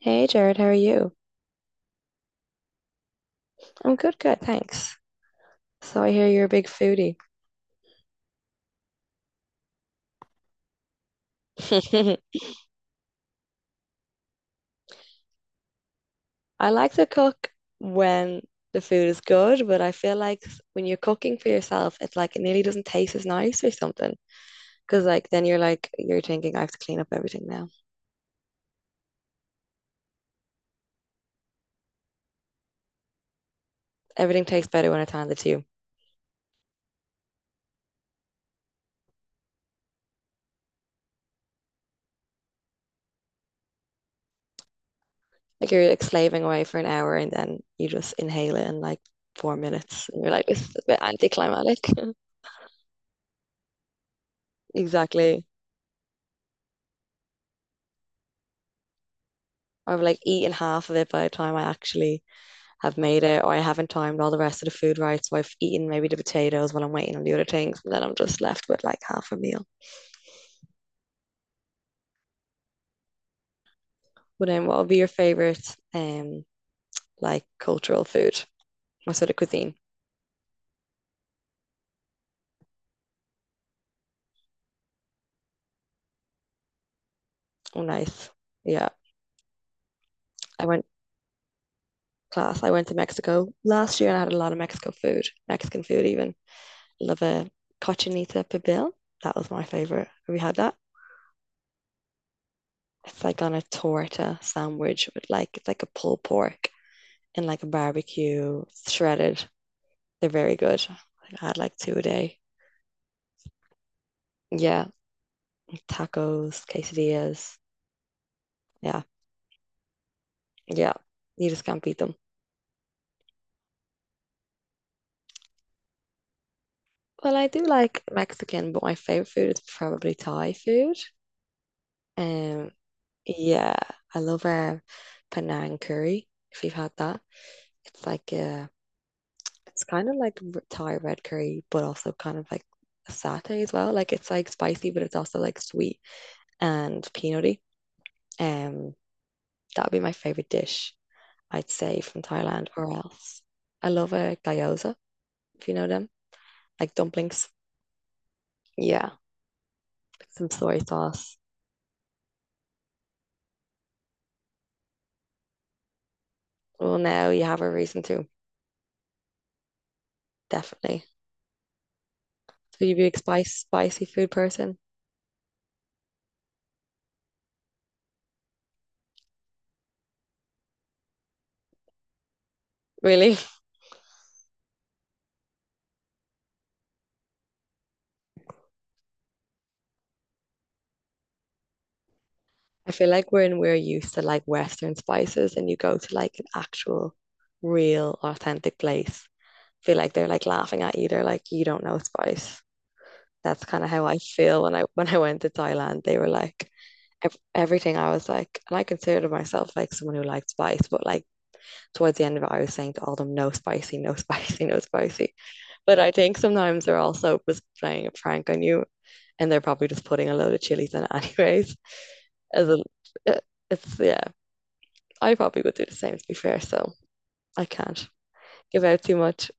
Hey Jared, how are you? I'm good, thanks. So I hear you're a big foodie. I like to cook when the food is good, but I feel like when you're cooking for yourself, it's like it nearly doesn't taste as nice or something. Because like then you're thinking I have to clean up everything now. Everything tastes better when it's handed to you. Like you're like slaving away for an hour and then you just inhale it in like 4 minutes and you're like this is a bit anticlimactic. Exactly. I've like eaten half of it by the time I actually have made it or I haven't timed all the rest of the food right. So I've eaten maybe the potatoes while I'm waiting on the other things and then I'm just left with like half a meal. But then what would be your favorite um like cultural food? What sort of cuisine? Oh nice. Yeah. I went class. I went to Mexico last year and I had a lot of Mexican food even. Love a cochinita pibil. That was my favorite. Have you had that? It's like on a torta sandwich with like it's like a pulled pork and like a barbecue, shredded. They're very good. Like, I had like two a day. Yeah, tacos, quesadillas. Yeah, yeah. You just can't beat them. Well, I do like Mexican, but my favorite food is probably Thai food. Um, yeah, I love Penang curry. If you've had that, it's like it's kind of like Thai red curry, but also kind of like a satay as well. Like it's like spicy, but it's also like sweet and peanutty. Um, that would be my favorite dish. I'd say from Thailand or else. I love a gyoza, if you know them, like dumplings. Yeah, with some soy sauce. Well, now you have a reason to, definitely. So you be a spicy food person? Really? I feel like we're used to like Western spices and you go to like an actual, real, authentic place, feel like they're like laughing at you. They're like, you don't know spice. That's kind of how I feel when I went to Thailand. They were like ev everything. I was like, and I considered myself like someone who liked spice, but like towards the end of it, I was saying to all of them, no spicy, no spicy, no spicy. But I think sometimes they're also just playing a prank on you, and they're probably just putting a load of chilies in it anyways. As a, eh, it's yeah, I probably would do the same to be fair. So I can't give out too much.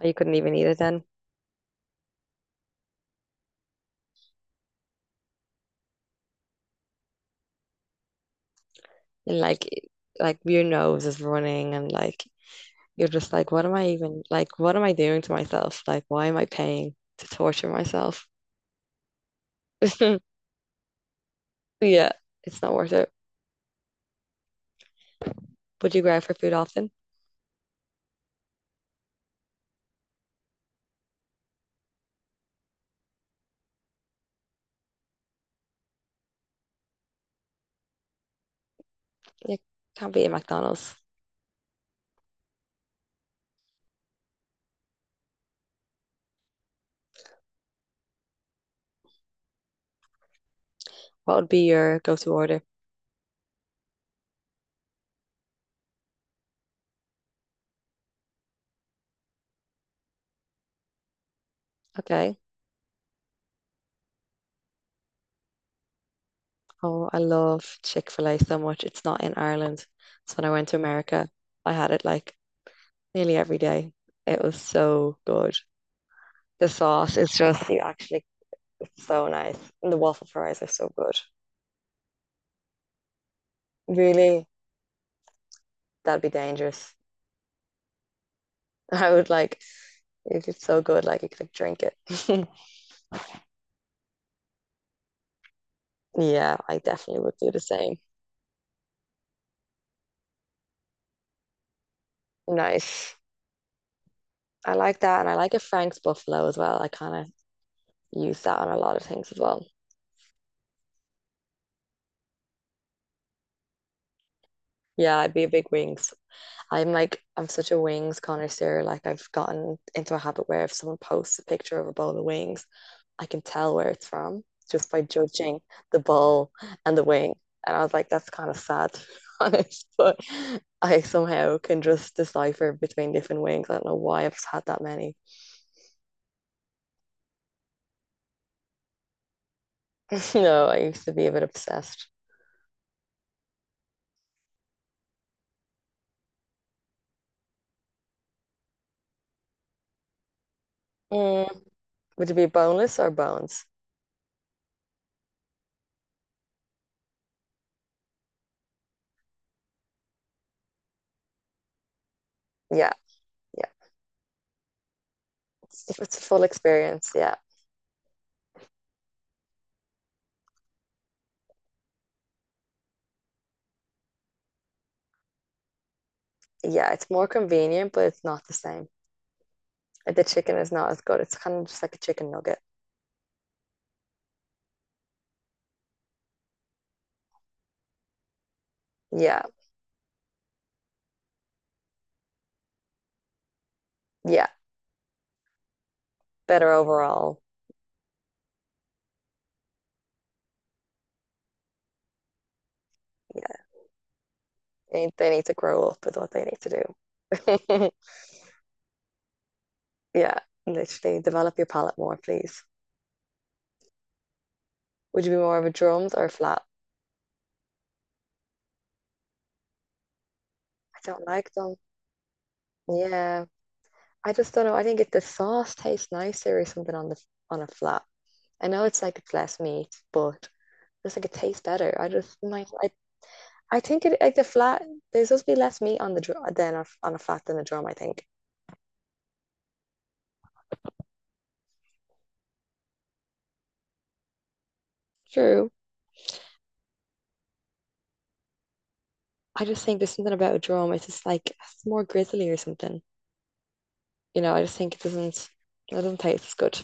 You couldn't even eat it then, and like your nose is running and like you're just like, what am I even like, what am I doing to myself? Like, why am I paying to torture myself? Yeah, it's not worth it. Would you grab for food often? You can't be at McDonald's. What would be your go-to order? Okay. Oh, I love Chick-fil-A so much. It's not in Ireland. So when I went to America, I had it like nearly every day. It was so good. The sauce is just, you actually, it's so nice. And the waffle fries are so good. Really, that'd be dangerous. I would like, it's so good, like you could like, drink it. Yeah, I definitely would do the same. Nice. I like that. And I like a Frank's Buffalo as well. I kind of use that on a lot of things as well. Yeah, I'd be a big wings. I'm such a wings connoisseur. Like, I've gotten into a habit where if someone posts a picture of a bowl of wings, I can tell where it's from just by judging the ball and the wing. And I was like, that's kind of sad, to be honest. But I somehow can just decipher between different wings. I don't know why I've had that many. No, I used to be a bit obsessed. Mm, would it be boneless or bones? Yeah, yeah. It's a full experience. Yeah, yeah. It's more convenient, but it's not the same. The chicken is not as good. It's kind of just like a chicken nugget. Yeah, yeah. Better overall. They need to grow up with what they need to do. Yeah, literally develop your palate more, please. Would you be more of a drums or a flat? I don't like them. Yeah, I just don't know. I think if the sauce tastes nicer or something on the on a flat, I know it's like it's less meat, but it's like it tastes better. I think it like the flat. There's supposed to be less meat on the drum than a, on a flat than a drum. I think. True. I just think there's something about a drum. It's just like it's more grizzly or something. You know, I just think it doesn't taste as good.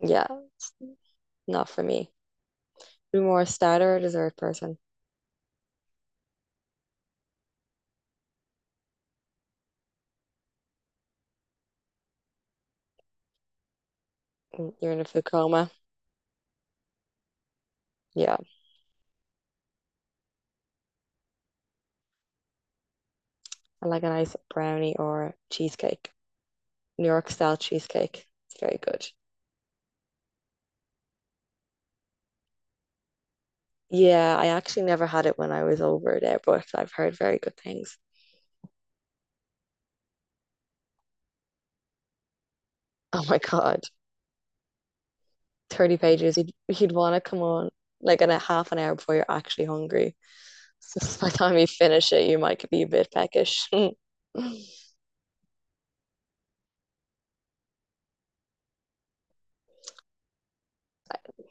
Yeah, it's not for me. Be more a starter or a dessert person. Mm, you're in a food coma. Yeah, I like a nice brownie or cheesecake. New York style cheesecake. It's very good. Yeah, I actually never had it when I was over there, but I've heard very good things. Oh my God, 30 pages. You'd want to come on like in a half an hour before you're actually hungry. So by the time you finish it, you might be a bit peckish.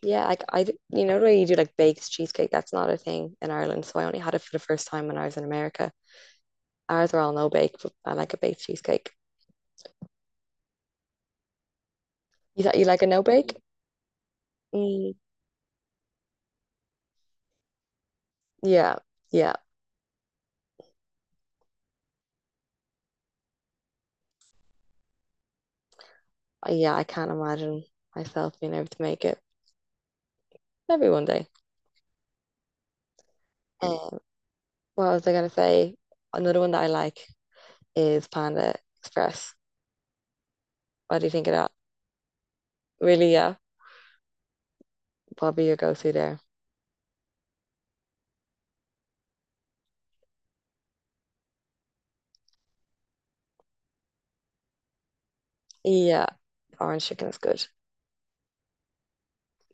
Yeah, you know, when you do like baked cheesecake, that's not a thing in Ireland. So I only had it for the first time when I was in America. Ours are all no bake, but I like a baked cheesecake. You thought you like a no bake? Really? Mm, yeah, yeah. Yeah. I can't imagine myself being able to make it. Maybe one day. Uh, what was I gonna say? Another one that I like is Panda Express. What do you think of that? Really? Yeah, probably your go-to there. Yeah, orange chicken is good.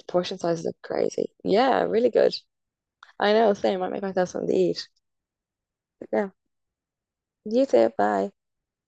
Portion sizes are crazy. Yeah, really good. I know, same. I make myself something to eat. But yeah. You too. Bye.